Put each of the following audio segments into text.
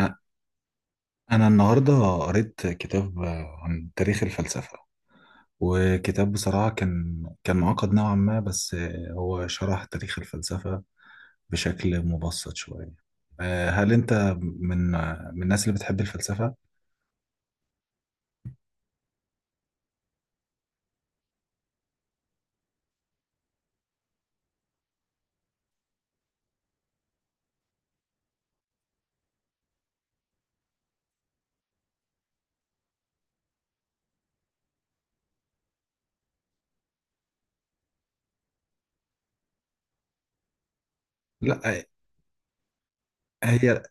أ- أنا النهاردة قريت كتاب عن تاريخ الفلسفة. وكتاب بصراحة كان معقد نوعا ما، بس هو شرح تاريخ الفلسفة بشكل مبسط شوية. هل أنت من من الناس اللي بتحب الفلسفة؟ لا. هي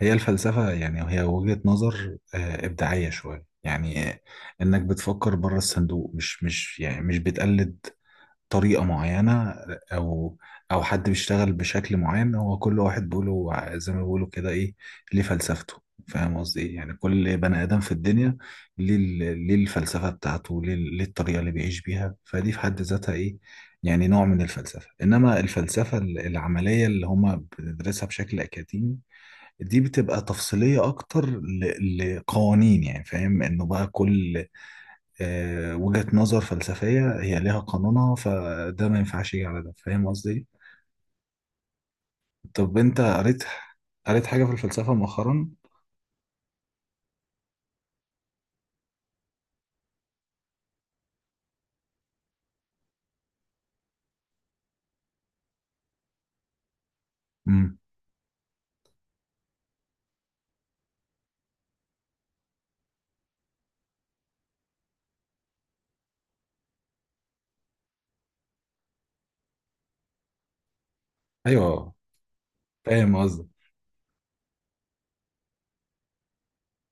هي الفلسفة، يعني هي وجهة نظر إبداعية شوية، يعني إنك بتفكر بره الصندوق، مش مش يعني مش بتقلد طريقة معينة. أو أو حد بيشتغل بشكل معين. هو كل واحد بيقوله، زي ما بيقولوا كده، إيه ليه فلسفته. فاهم قصدي إيه؟ يعني كل بني آدم في الدنيا، ليه الفلسفة بتاعته، ليه الطريقة اللي بيعيش بيها، فدي في حد ذاتها إيه. يعني نوع من الفلسفة. إنما الفلسفة العملية اللي هما بندرسها بشكل أكاديمي، دي بتبقى تفصيلية أكتر لقوانين. يعني فاهم إنه بقى كل وجهة نظر فلسفية هي ليها قانونها، فده ما ينفعش يجي على ده. فاهم قصدي؟ طب انت قريت، حاجة في الفلسفة مؤخرا؟ امم. ايوه، فاهم قصدي.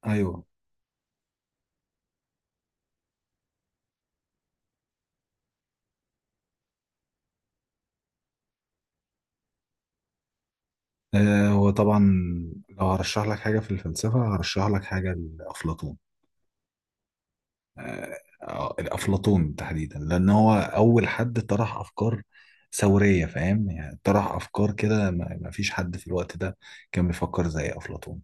ايوه. هو طبعا لو هرشح لك حاجة في الفلسفة، هرشح لك حاجة لأفلاطون. الأفلاطون تحديدا، لأن هو أول حد طرح أفكار ثورية. فاهم؟ يعني طرح أفكار كده ما فيش حد في الوقت ده كان بيفكر زي أفلاطون.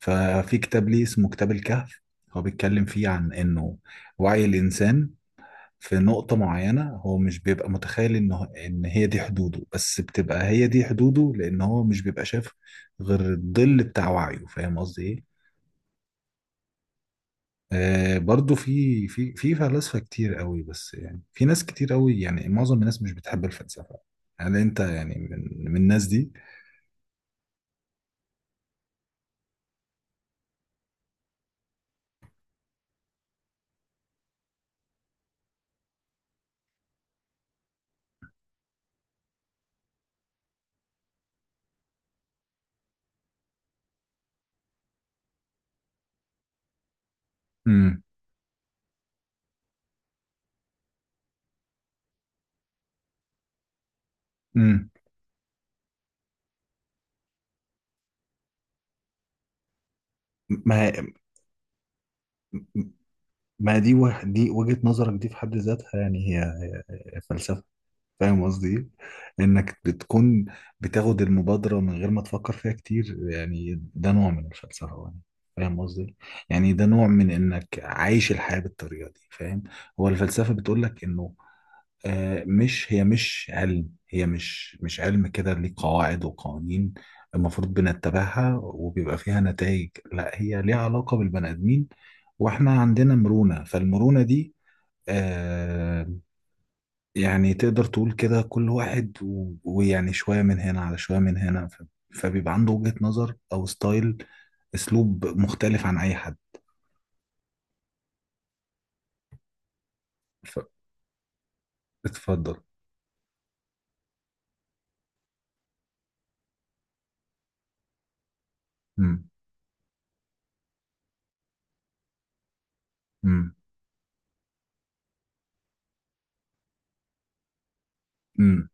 ففي كتاب ليه اسمه كتاب الكهف. هو بيتكلم فيه عن انه وعي الانسان في نقطة معينة، هو مش بيبقى متخيل انه ان هي دي حدوده، بس بتبقى هي دي حدوده لان هو مش بيبقى شاف غير الظل بتاع وعيه. فاهم قصدي ايه؟ برضو في فلاسفة كتير قوي، بس يعني في ناس كتير قوي، يعني معظم الناس مش بتحب الفلسفة. هل انت يعني من الناس دي؟ امم. امم. ما ما دي دي وجهة نظرك. دي في حد ذاتها، يعني هي هي فلسفة. فاهم قصدي إيه؟ انك بتكون بتاخد المبادرة من غير ما تفكر فيها كتير. يعني ده نوع من الفلسفة، يعني فاهم قصدي إيه؟ يعني ده نوع من انك عايش الحياة بالطريقة دي. فاهم. هو الفلسفة بتقول لك انه مش، هي مش علم. هي مش علم كده ليه قواعد وقوانين المفروض بنتبعها وبيبقى فيها نتائج. لا، هي ليها علاقة بالبني آدمين. واحنا عندنا مرونة. فالمرونة دي آه يعني تقدر تقول كده كل واحد ويعني شوية من هنا على شوية من هنا، فبيبقى عنده وجهة نظر أو ستايل، أسلوب مختلف عن أي حد. ف- اتفضل. مم. مم.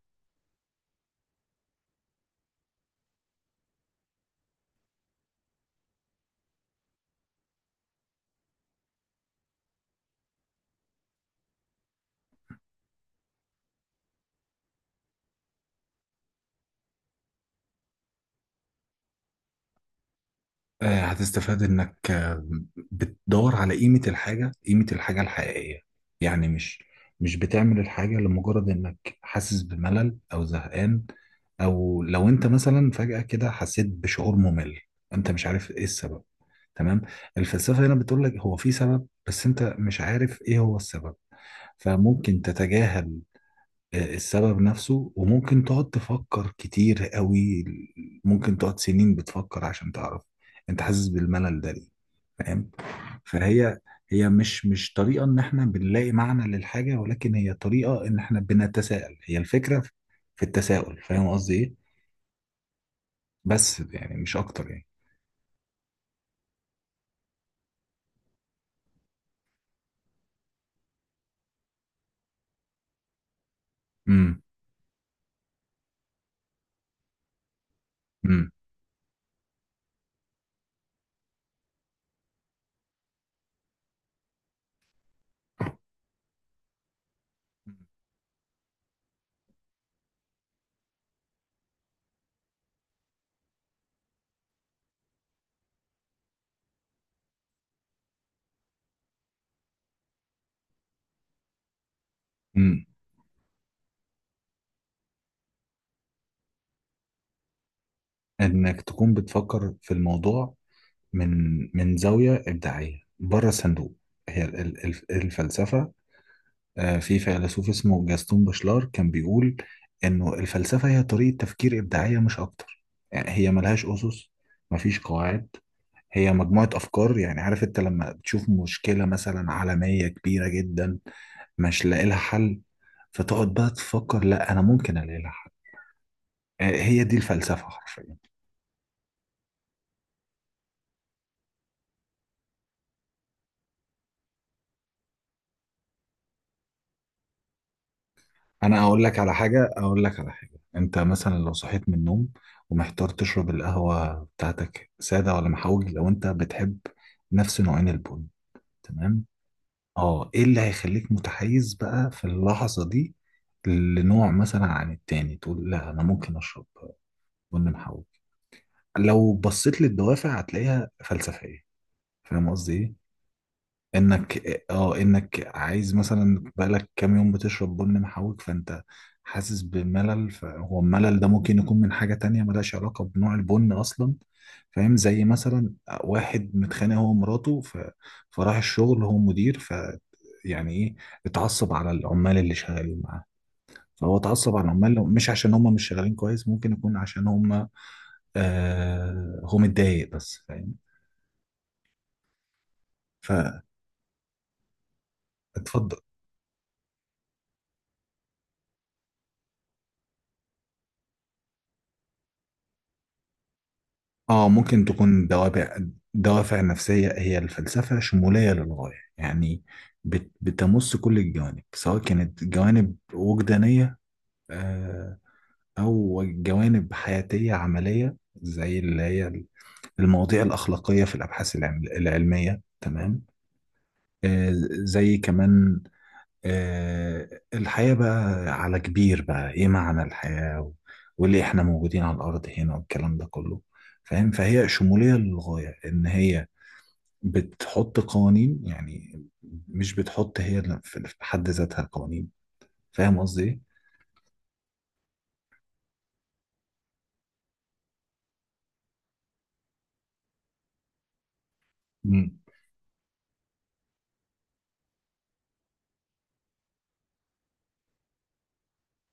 هتستفاد انك بتدور على قيمة الحاجة، قيمة الحاجة الحقيقية. يعني مش بتعمل الحاجة لمجرد انك حاسس بملل او زهقان، او لو انت مثلا فجأة كده حسيت بشعور ممل، انت مش عارف ايه السبب. تمام. الفلسفة هنا بتقول لك هو في سبب، بس انت مش عارف ايه هو السبب. فممكن تتجاهل السبب نفسه، وممكن تقعد تفكر كتير قوي. ممكن تقعد سنين بتفكر عشان تعرف انت حاسس بالملل ده ليه. فاهم. فهي مش طريقة ان احنا بنلاقي معنى للحاجة، ولكن هي طريقة ان احنا بنتساءل. هي الفكرة في التساؤل. فاهم قصدي ايه؟ بس يعني مش اكتر، يعني. امم. امم. امم. انك تكون بتفكر في الموضوع من زاوية إبداعية بره الصندوق. هي الفلسفة. في فيلسوف اسمه جاستون بشلار كان بيقول انه الفلسفة هي طريقة تفكير إبداعية مش أكتر. يعني هي ملهاش أسس، مفيش قواعد. هي مجموعة أفكار. يعني عارف أنت لما بتشوف مشكلة مثلا عالمية كبيرة جدا مش لاقي لها حل، فتقعد بقى تفكر، لا أنا ممكن ألاقي لها حل. هي دي الفلسفة حرفيا. أنا أقول لك على حاجة، أنت مثلا لو صحيت من النوم ومحتار تشرب القهوة بتاعتك سادة ولا محوج، لو أنت بتحب نفس نوعين البن. تمام. اه ايه اللي هيخليك متحيز بقى في اللحظة دي لنوع مثلا عن التاني؟ تقول لا، انا ممكن اشرب بن محوج. لو بصيت للدوافع هتلاقيها فلسفية. فاهم قصدي ايه؟ انك اه انك عايز مثلا بقالك كام يوم بتشرب بن محوج، فانت حاسس بملل. فهو الملل ده ممكن يكون من حاجة تانية ملهاش علاقة بنوع البن اصلا. فاهم. زي مثلا واحد متخانق هو ومراته، فراح الشغل، هو مدير، يعني ايه، اتعصب على العمال اللي شغالين معاه. فهو اتعصب على العمال، مش عشان هم مش شغالين كويس، ممكن يكون عشان هم هو متضايق بس. فاهم. فاتفضل. اه ممكن تكون دوافع، دوافع نفسية. هي الفلسفة شمولية للغاية. يعني بتمس كل الجوانب، سواء كانت جوانب وجدانية، آه، أو جوانب حياتية عملية، زي اللي هي المواضيع الأخلاقية في الأبحاث العلمية. تمام. آه، زي كمان الحياة بقى على كبير، بقى ايه معنى الحياة، وليه احنا موجودين على الارض هنا والكلام ده كله. فاهم. فهي شمولية للغاية ان هي بتحط قوانين. يعني مش بتحط هي في حد ذاتها قوانين. فاهم قصدي ايه؟ مم.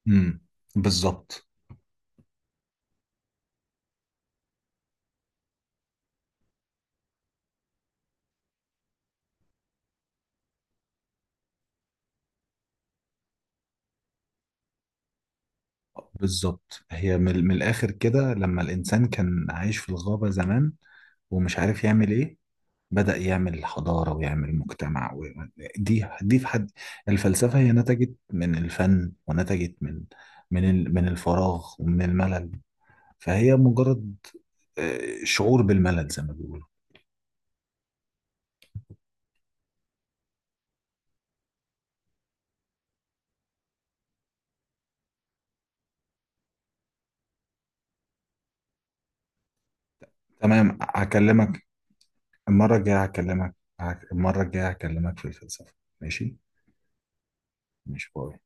امم. بالظبط. بالظبط. هي من الاخر كده لما الانسان كان عايش في الغابة زمان ومش عارف يعمل ايه، بدأ يعمل حضارة ويعمل مجتمع دي دي في حد الفلسفة هي نتجت من الفن، ونتجت من الفراغ ومن الملل. فهي مجرد شعور بالملل زي ما بيقولوا. تمام. هكلمك المرة الجاية هكلمك هك- المرة الجاية هكلمك في الفلسفة. ماشي. ماشي. باي.